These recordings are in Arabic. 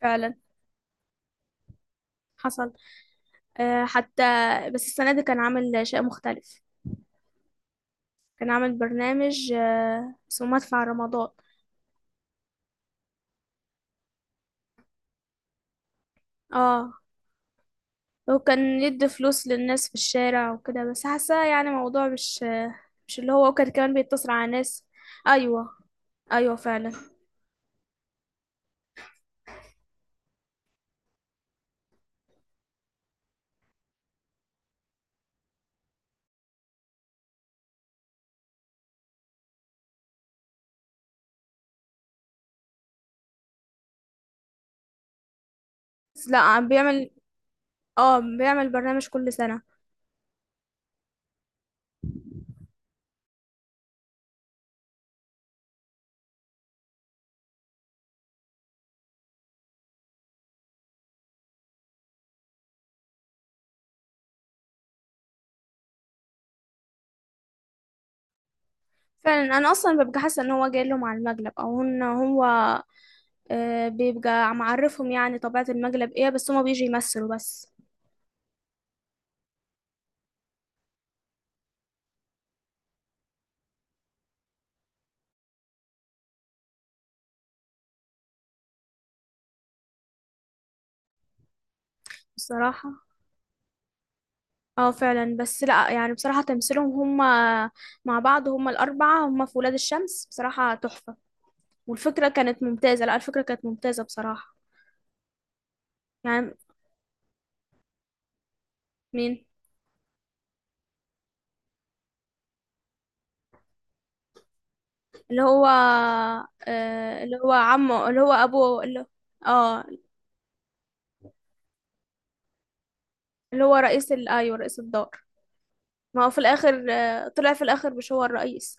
فعلا، حصل. حتى بس السنة دي كان عامل شيء مختلف. كان عامل برنامج اسمه مدفع رمضان. اه، وكان يدي فلوس للناس في الشارع وكده، بس حاسة يعني موضوع مش مش اللي هو. وكان كمان بيتصل على ناس. ايوه، ايوه فعلا. بس لا، عم بيعمل. اه بيعمل برنامج كل سنة. فعلا، انا اصلا ببقى حاسة ان هو جاي لهم على المقلب او ان هو بيبقى معرفهم، يعني طبيعة المقلب ايه، بس هما بيجي يمثلوا بس. بصراحة اه فعلا، بس لا يعني، بصراحة تمثيلهم هم مع بعض، هم الأربعة هم في ولاد الشمس بصراحة تحفة. والفكرة كانت ممتازة. لا، الفكرة كانت ممتازة بصراحة. يعني مين؟ اللي هو اللي هو عمه، اللي هو أبوه، اللي اه اللي هو رئيس أيوه رئيس الدار. ما هو في الآخر طلع في الآخر مش هو الرئيس.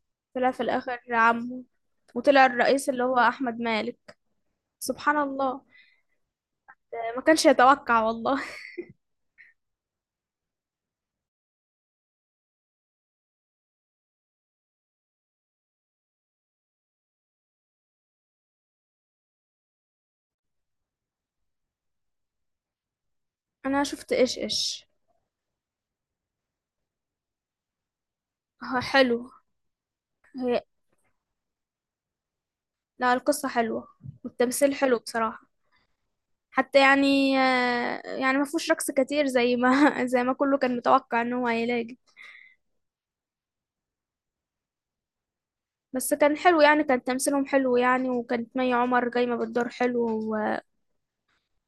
طلع في الآخر عمه، وطلع الرئيس اللي هو أحمد مالك. سبحان الله. ما كانش يتوقع والله. أنا شفت إيش إيش. حلو. لا، القصة حلوة والتمثيل حلو بصراحة. حتى يعني يعني ما فيهوش رقص كتير زي ما زي ما كله كان متوقع ان هو هيلاقي. بس كان حلو يعني، كان تمثيلهم حلو يعني، وكانت مي عمر جايمة بالدور حلو، و-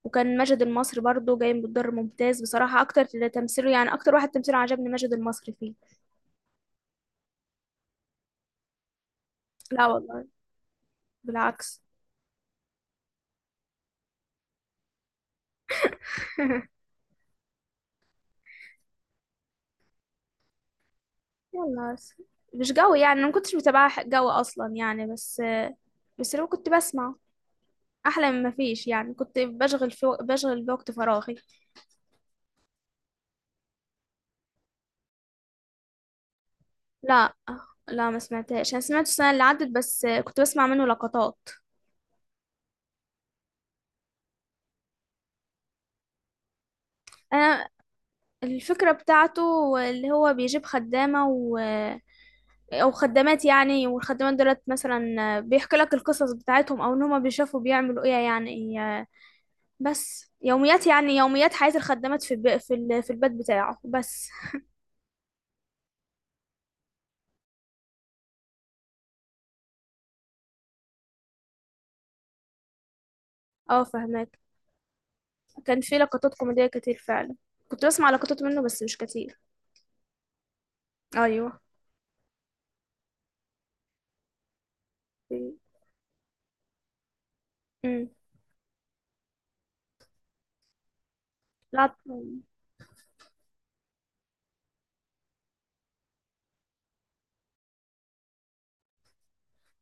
وكان ماجد المصري برضو جاي بالدور ممتاز بصراحة. أكتر اللي تمثيله يعني أكتر واحد تمثيله عجبني ماجد المصري فيه. لا والله، بالعكس. يلا بس. مش قوي يعني، أنا ما كنتش متابعة قوي أصلا يعني، بس بس لو كنت بسمع أحلى من ما فيش، يعني كنت بشغل في بشغل بوقت فراغي. لا لا، ما سمعتهاش. انا سمعته السنه اللي عدت، بس كنت بسمع منه لقطات. انا الفكره بتاعته اللي هو بيجيب خدامه، و... او خدامات يعني، والخدامات دولت مثلا بيحكي لك القصص بتاعتهم، او ان هما بيشوفوا بيعملوا ايه يعني. بس يوميات يعني، يوميات حياه الخدامات في البيت بتاعه بس. اه فهماك، كان في لقطات كوميديه كتير فعلا. كنت بسمع لقطات منه بس مش كتير. ايوه. امم لا،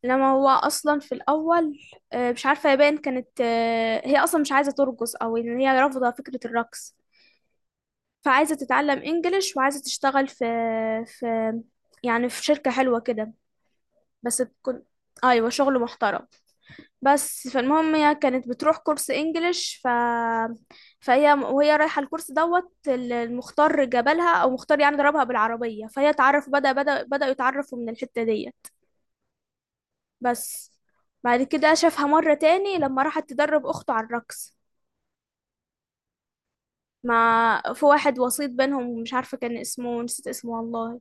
انما هو اصلا في الاول مش عارفه يبان، كانت هي اصلا مش عايزه ترقص او ان هي رافضه فكره الرقص. فعايزه تتعلم انجليش وعايزه تشتغل في في يعني في شركه حلوه كده، بس تكون، ايوه شغل محترم. بس فالمهم هي كانت بتروح كورس انجليش فهي وهي رايحه الكورس دوت، المختار جابلها او مختار يعني ضربها بالعربيه، فهي تعرف بداوا يتعرفوا من الحته دي. بس بعد كده شافها مرة تاني لما راحت تدرب أخته على الرقص. ما في واحد وسيط بينهم، مش عارفة كان اسمه، نسيت اسمه والله.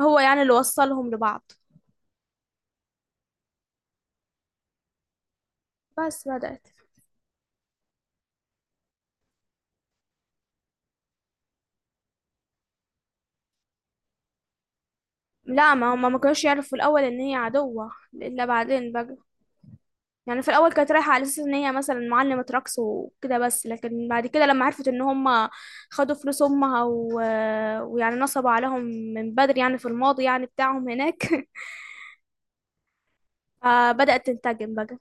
هو يعني اللي وصلهم لبعض. بس بدأت لا، ما هما ما كانوش يعرفوا في الأول إن هي عدوة إلا بعدين بقى. يعني في الأول كانت رايحة على أساس إن هي مثلا معلمة رقص وكده، بس لكن بعد كده لما عرفت إن هما خدوا فلوس أمها، و... ويعني نصبوا عليهم من بدري، يعني في الماضي يعني بتاعهم هناك. فبدأت تنتقم بقى.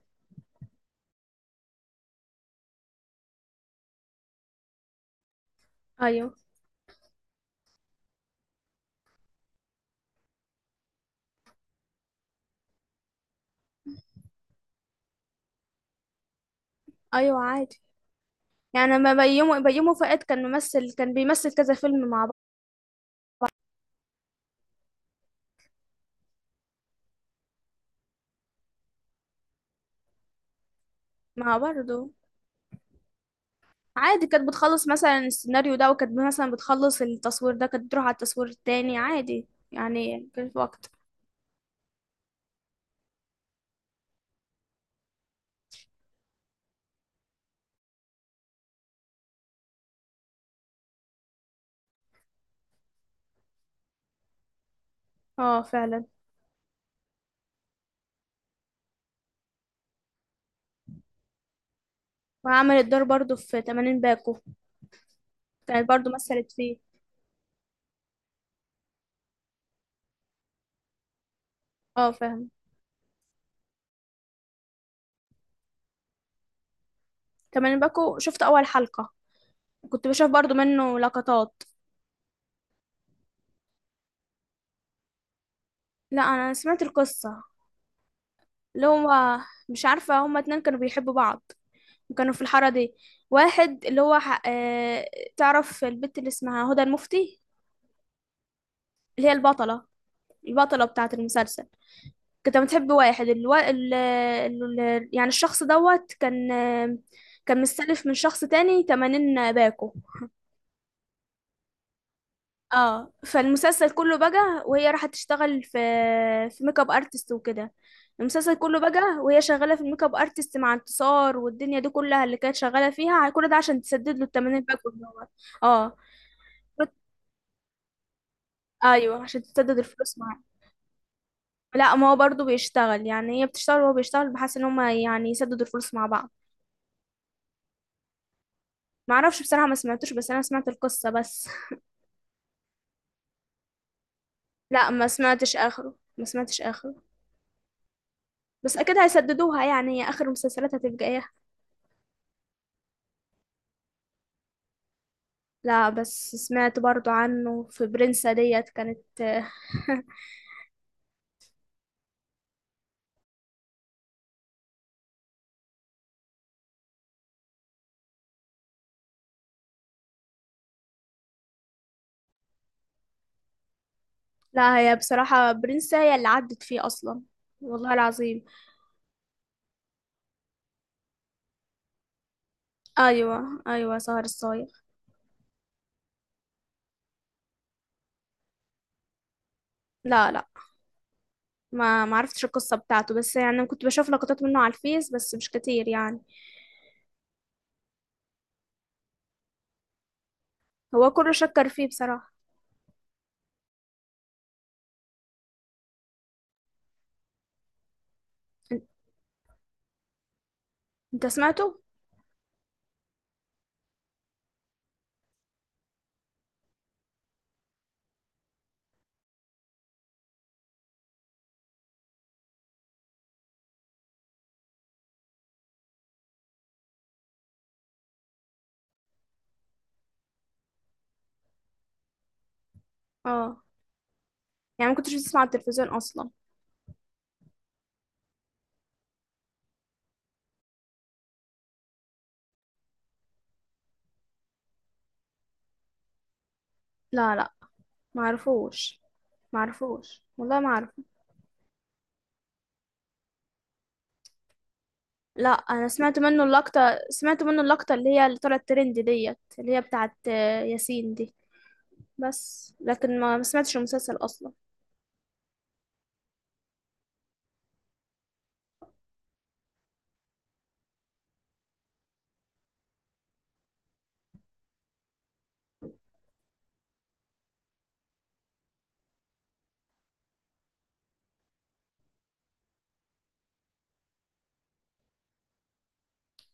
أيوه أيوه عادي، يعني ما بيومي فؤاد كان ممثل، كان بيمثل كذا فيلم مع بعض. مع برضه عادي، كانت بتخلص مثلا السيناريو ده، وكانت مثلا بتخلص التصوير ده، كانت بتروح على التصوير التاني عادي يعني، كان في وقت. اه فعلا، وعملت دور برضه في 80 باكو، كانت برضه مثلت فيه. اه فاهم. 80 باكو شفت اول حلقة، كنت بشوف برضه منه لقطات. لا انا سمعت القصة، اللي هو مش عارفة، هما اتنين كانوا بيحبوا بعض وكانوا في الحارة دي. واحد اللي هو تعرف البت اللي اسمها هدى المفتي، اللي هي البطلة، البطلة بتاعة المسلسل. كنت بتحب واحد الو... ال... ال... ال... يعني الشخص دوت كان كان مستلف من شخص تاني، 80 باكو. اه فالمسلسل كله بقى وهي راحت تشتغل في ميك اب ارتست وكده. المسلسل كله بقى وهي شغاله في الميك اب ارتست مع انتصار والدنيا دي كلها اللي كانت شغاله فيها، كل ده عشان تسدد له التمارين بقى كلها. اه ايوه، عشان تسدد الفلوس معاه. لا، ما هو برضه بيشتغل يعني، هي بتشتغل وهو بيشتغل، بحيث ان هما يعني يسددوا الفلوس مع بعض. ما اعرفش بصراحه، ما سمعتوش، بس انا سمعت القصه بس. لا ما سمعتش اخره، ما سمعتش اخره. بس اكيد هيسددوها، يعني هي اخر المسلسلات هتبقى ايه. لا بس سمعت برضو عنه في برنسا ديت كانت. لا هي بصراحة برنسا هي اللي عدت فيه أصلا، والله العظيم. أيوة أيوة، سهر الصايغ. لا لا، ما عرفتش القصة بتاعته، بس يعني كنت بشوف لقطات منه على الفيس بس مش كتير يعني. هو كله شكر فيه بصراحة. أن- انت سمعته؟ اه. يعني ما كنتش بتسمع على التلفزيون أصلا. لا لا، ما عرفوش، ما عرفوش والله ما. لا، انا سمعت منه اللقطة، سمعت منه اللقطة اللي هي طلعت ترند ديت، اللي هي بتاعت ياسين دي. بس لكن ما سمعتش المسلسل اصلا.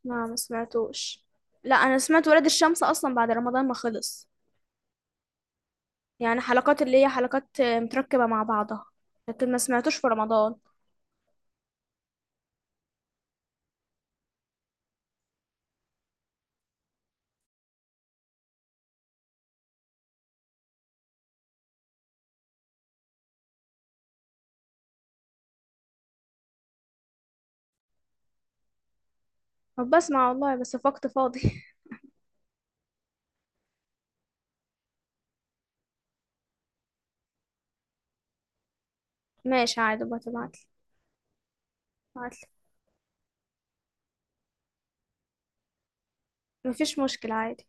ما سمعتوش. لا انا سمعت ولاد الشمس اصلا بعد رمضان ما خلص، يعني حلقات اللي هي حلقات متركبة مع بعضها، لكن ما سمعتوش في رمضان. طب بسمع والله بس في وقت فاضي. ماشي عادي بتبعتلي. بعتلي مفيش مشكلة عادي.